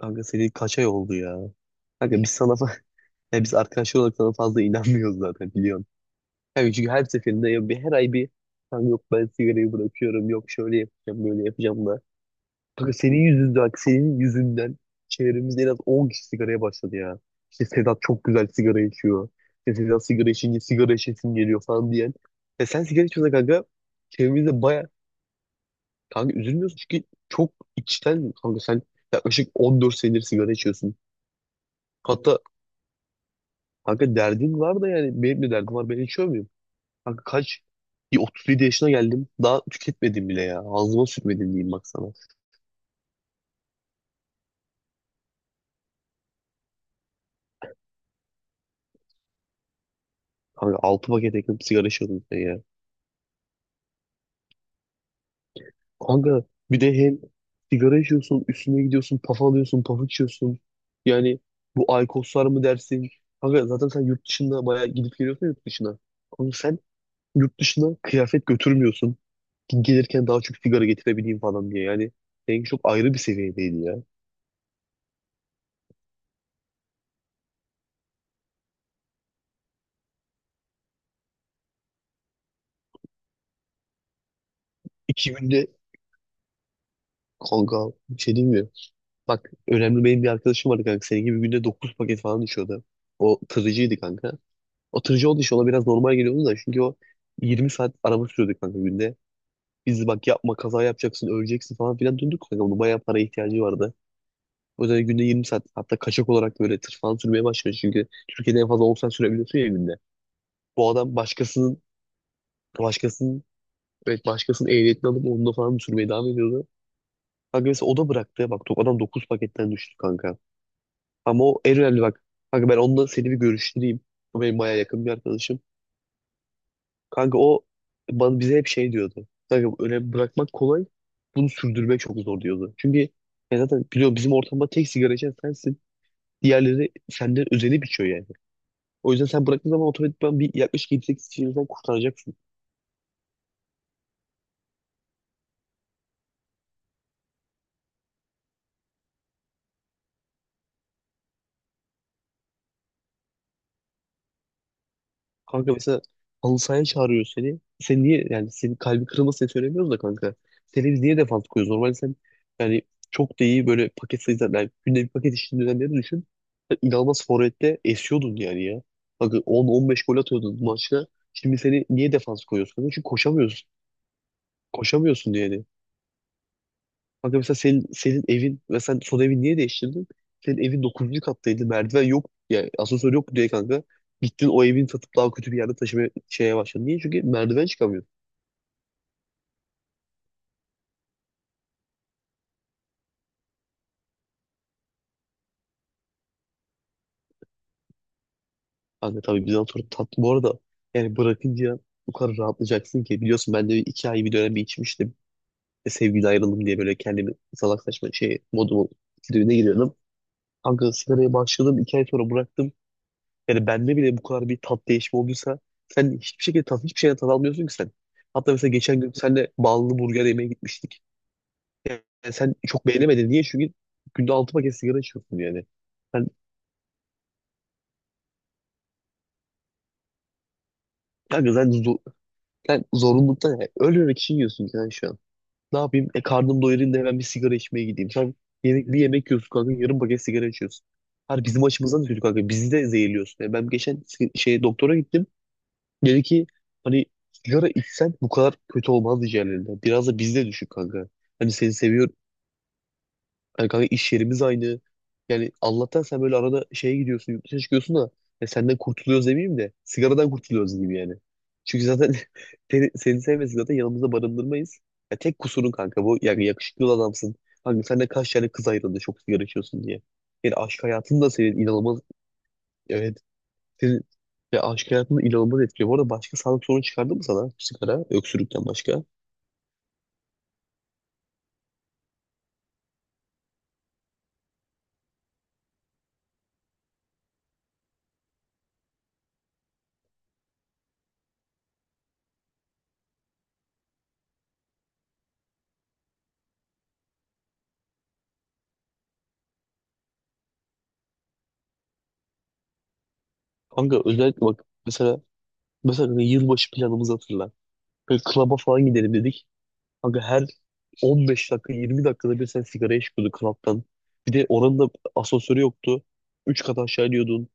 Kanka seri kaç ay oldu ya? Kanka biz sana fa- Ya biz arkadaşlar olarak sana fazla inanmıyoruz zaten biliyorsun. Yani çünkü her seferinde ya bir her ay bir kanka yok ben sigarayı bırakıyorum, yok şöyle yapacağım böyle yapacağım da. Kanka senin yüzünden çevremizde en az 10 kişi sigaraya başladı ya. İşte Sedat çok güzel sigara içiyor. İşte Sedat sigara içince sigara içesim geliyor falan diyen. Ya sen sigara içiyorsun kanka. Çevremizde baya Kanka üzülmüyorsun çünkü çok içten. Kanka sen yaklaşık 14 senedir sigara içiyorsun. Hatta kanka derdin var da yani benim de derdim var. Ben içiyor muyum? Kanka kaç? Bir 37 yaşına geldim. Daha tüketmedim bile ya. Ağzıma sürmedim diyeyim bak sana. Kanka 6 paket yakın sigara içiyordum sen ya. Kanka bir de hem sigara içiyorsun, üstüne gidiyorsun, paf alıyorsun, paf içiyorsun. Yani bu alkoslar mı dersin? Kanka zaten sen yurt dışında bayağı gidip geliyorsun yurt dışına. Kanka sen yurt dışına kıyafet götürmüyorsun. Gelirken daha çok sigara getirebileyim falan diye. Yani seninki çok ayrı bir seviyedeydi ya. İki günde Kanka bir şey diyeyim mi? Bak önemli, benim bir arkadaşım vardı kanka. Senin gibi günde 9 paket falan düşüyordu. O tırıcıydı kanka. O tırıcı olduğu için ona biraz normal geliyordu da, çünkü o 20 saat araba sürüyordu kanka günde. Biz bak yapma, kaza yapacaksın, öleceksin falan filan döndük kanka. Onun bayağı para ihtiyacı vardı. O yüzden günde 20 saat, hatta kaçak olarak böyle tır falan sürmeye başladı. Çünkü Türkiye'de en fazla 10 saat sürebiliyorsun ya günde. Bu adam başkasının başkasının evet, başkasının ehliyetini alıp onunla falan sürmeye devam ediyordu. Kanka mesela o da bıraktı. Bak adam 9 paketten düştü kanka. Ama o en önemli bak. Kanka ben onunla seni bir görüştüreyim. O benim bayağı yakın bir arkadaşım. Kanka o bana, bize hep şey diyordu. Kanka önemli bırakmak kolay. Bunu sürdürmek çok zor diyordu. Çünkü ya zaten biliyorum, bizim ortamda tek sigara içen sensin. Diğerleri senden özenip içiyor yani. O yüzden sen bıraktığın zaman otomatikman bir yaklaşık 7-8 kişiden kurtaracaksın. Kanka mesela halı sahaya çağırıyor seni. Sen niye, yani senin kalbi kırılmasın diye söylemiyoruz da kanka. Seni biz niye defans koyuyoruz? Normalde sen yani çok da iyi, böyle paket sayısı yani günde bir paket içtiğin dönemleri düşün. Sen inanılmaz forvette esiyordun yani ya. Kanka 10-15 gol atıyordun maçta. Şimdi seni niye defans koyuyorsun, kanka? Çünkü koşamıyorsun. Koşamıyorsun yani. Kanka mesela senin evin ve sen son evin niye değiştirdin? Senin evin dokuzuncu kattaydı. Merdiven yok. Yani asansör yok diye kanka. Gittin o evin satıp daha kötü bir yerde taşıma şeye başladın. Niye? Çünkü merdiven çıkamıyor. Kanka tabii bizden sonra tatlı. Bu arada yani bırakınca bu kadar rahatlayacaksın ki. Biliyorsun ben de 2 ay bir dönem bir içmiştim. Sevgili ayrıldım diye böyle kendimi salak saçma şey modumun tribine giriyordum. Kanka sigaraya başladım. 2 ay sonra bıraktım. Yani bende bile bu kadar bir tat değişimi olduysa, sen hiçbir şekilde tat, hiçbir şeyden tat almıyorsun ki sen. Hatta mesela geçen gün senle ballı burger yemeye gitmiştik. Yani sen çok beğenemedin. Niye? Çünkü günde 6 paket sigara içiyorsun yani. Sen, kanka sen, zor, sen zorunluluktan, yani ölmemek için yiyorsun yani şu an. Ne yapayım? E karnım doyurayım da hemen bir sigara içmeye gideyim. Sen yemek, bir yemek yiyorsun kanka, yarım paket sigara içiyorsun. Her bizim açımızdan da kötü kanka. Bizi de zehirliyorsun. Yani ben geçen şeye doktora gittim. Dedi ki, hani sigara içsen bu kadar kötü olmaz diğerlerine. Biraz da bizde düşün kanka. Hani seni seviyor. Hani kanka iş yerimiz aynı. Yani Allah'tan sen böyle arada şeye gidiyorsun, yurt dışına çıkıyorsun da, ya senden kurtuluyoruz demeyeyim de, sigaradan kurtuluyoruz gibi yani. Çünkü zaten seni sevmesek zaten yanımızda barındırmayız. Ya tek kusurun kanka bu. Yani yakışıklı adamsın. Kanka sen de kaç tane kız ayrıldı çok sigara içiyorsun diye. Yani aşk hayatın da senin inanılmaz. Evet. Senin ve aşk hayatında inanılmaz etkiliyor. Bu arada başka sağlık sorunu çıkardı mı sana sigara, öksürükten başka? Kanka özellikle bak mesela kanka yılbaşı planımızı hatırla. Böyle klaba falan gidelim dedik. Kanka her 15 dakika, 20 dakikada bir sen sigaraya çıkıyordun klaptan. Bir de oranın da asansörü yoktu. 3 kat aşağı iniyordun.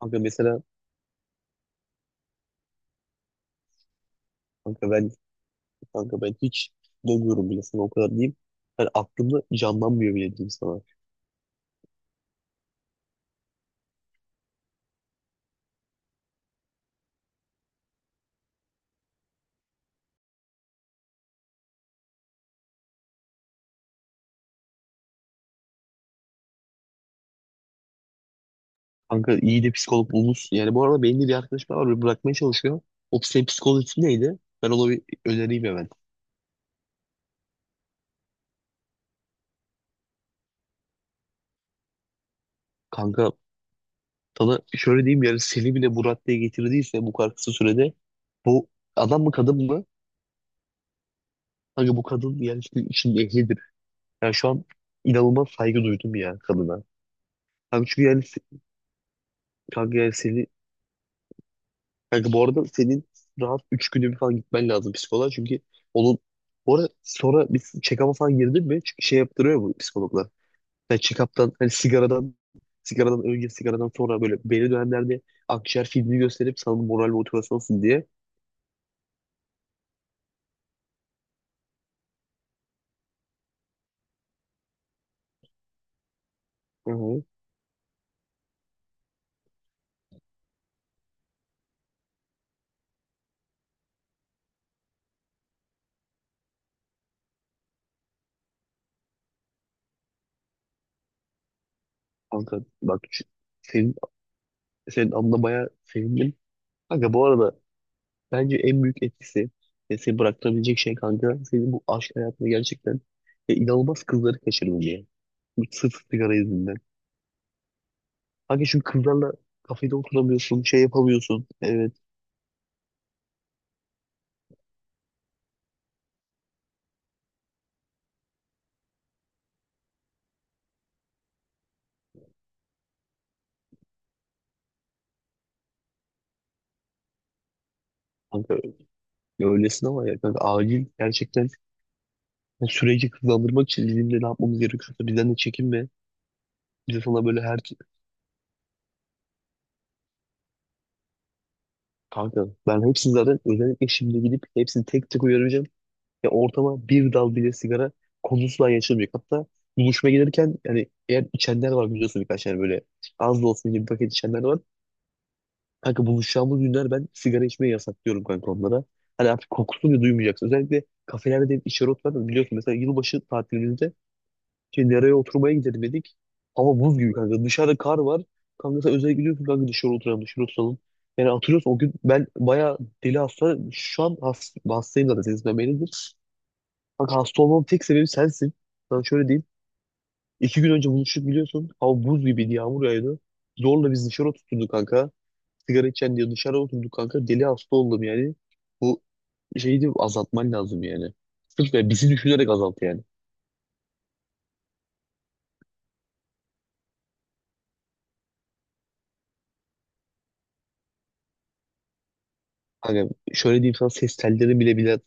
Kanka mesela kanka ben kanka ben hiç demiyorum bile sana, o kadar diyeyim. Yani aklımda canlanmıyor bile diyeyim sana. Kanka iyi de psikolog bulmuş. Yani bu arada benim de bir arkadaşım var, böyle bırakmaya çalışıyor. O senin psikoloğun ismi neydi? Ben ona bir önereyim hemen. Kanka sana şöyle diyeyim, yani seni bile bu raddeye getirdiyse bu kadar kısa sürede, bu adam mı kadın mı? Kanka bu kadın yani işte işin ehlidir. Yani şu an inanılmaz saygı duydum ya kadına. Kanka çünkü yani se- kanka yani seni kanka bu arada senin rahat 3 günde bir falan gitmen lazım psikoloğa, çünkü onun bu arada sonra bir check-up'a falan girdin mi? Çünkü şey yaptırıyor bu psikologlar. Yani check-up'tan hani sigaradan önce, sigaradan sonra böyle belli dönemlerde akciğer filmi gösterip sana moral motivasyon olsun diye. Hı hı. Kanka bak senin, senin anına bayağı sevindim. Kanka bu arada bence en büyük etkisi ve seni bıraktırabilecek şey kanka, senin bu aşk hayatına gerçekten inanılmaz kızları kaçırdın diye. Bu sırf sigara yüzünden. Kanka çünkü kızlarla kafede oturamıyorsun, şey yapamıyorsun. Evet, kanka öylesin ama ya kanka acil gerçekten. Yani süreci hızlandırmak için bizim de ne yapmamız gerekiyorsa bizden de çekinme. Bize sana böyle her... Kanka ben hepsini zaten özellikle şimdi gidip hepsini tek tek uyaracağım. Ya ortama bir dal bile sigara konusuna yaşamayacak. Hatta buluşmaya gelirken, yani eğer içenler var biliyorsun, birkaç yani böyle az da olsun gibi paket içenler var. Kanka buluşacağımız günler ben sigara içmeyi yasaklıyorum kanka onlara. Hani artık kokusunu bile duymayacaksın. Özellikle kafelerde de içeri oturan da biliyorsun, mesela yılbaşı tatilimizde şey, dereye oturmaya gidelim dedik. Hava buz gibi kanka. Dışarıda kar var. Kanka sen özel gidiyorsun kanka, dışarı oturalım, dışarı oturalım. Yani hatırlıyorsun o gün ben bayağı deli hasta. Şu an hastayım zaten senin yüzünden beridir. Kanka hasta olmamın tek sebebi sensin. Ben şöyle diyeyim. İki gün önce buluştuk biliyorsun. Hava buz gibiydi, yağmur yağıyordu. Zorla biz dışarı oturduk kanka. Sigara içen diye dışarı oturduk kanka. Deli hasta oldum yani. Bu şeyi de azaltman lazım yani. Sırf ya bizi düşünerek azalt yani. Hani şöyle diyeyim sana,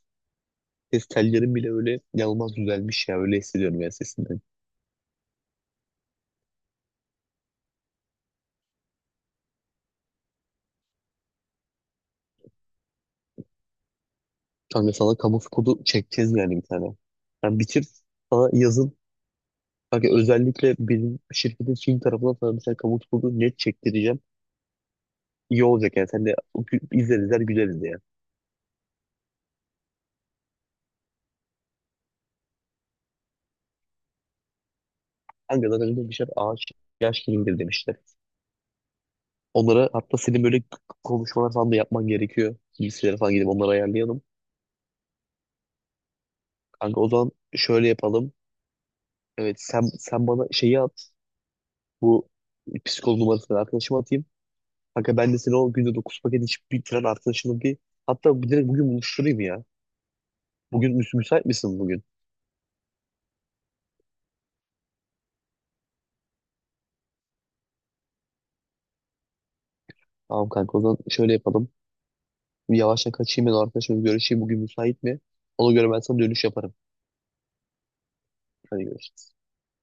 ses tellerim bile öyle inanılmaz düzelmiş ya, öyle hissediyorum ya sesinden. Kanka sana kamu spotu çekeceğiz yani bir tane. Yani bitir sana yazın. Kanka özellikle bizim şirketin Çin tarafından sana bir tane kamu spotu net çektireceğim. İyi olacak yani sen de izler güleriz ya. Kanka zaten öyle demişler, ağaç yaş kilimdir demişler. Onlara hatta senin böyle konuşmalar falan da yapman gerekiyor. Bilgisayara falan gidip onları ayarlayalım. Kanka o zaman şöyle yapalım. Evet, sen bana şeyi at. Bu psikolog numarasını arkadaşıma atayım. Kanka ben de seni o günde 9 paket içip bitiren arkadaşımı bir, hatta bir direkt bugün buluşturayım ya. Bugün müsait misin bugün? Tamam kanka o zaman şöyle yapalım. Bir yavaştan kaçayım ben o arkadaşımla bir görüşeyim. Bugün müsait mi? Ona göre ben sana dönüş yaparım. Hadi görüşürüz.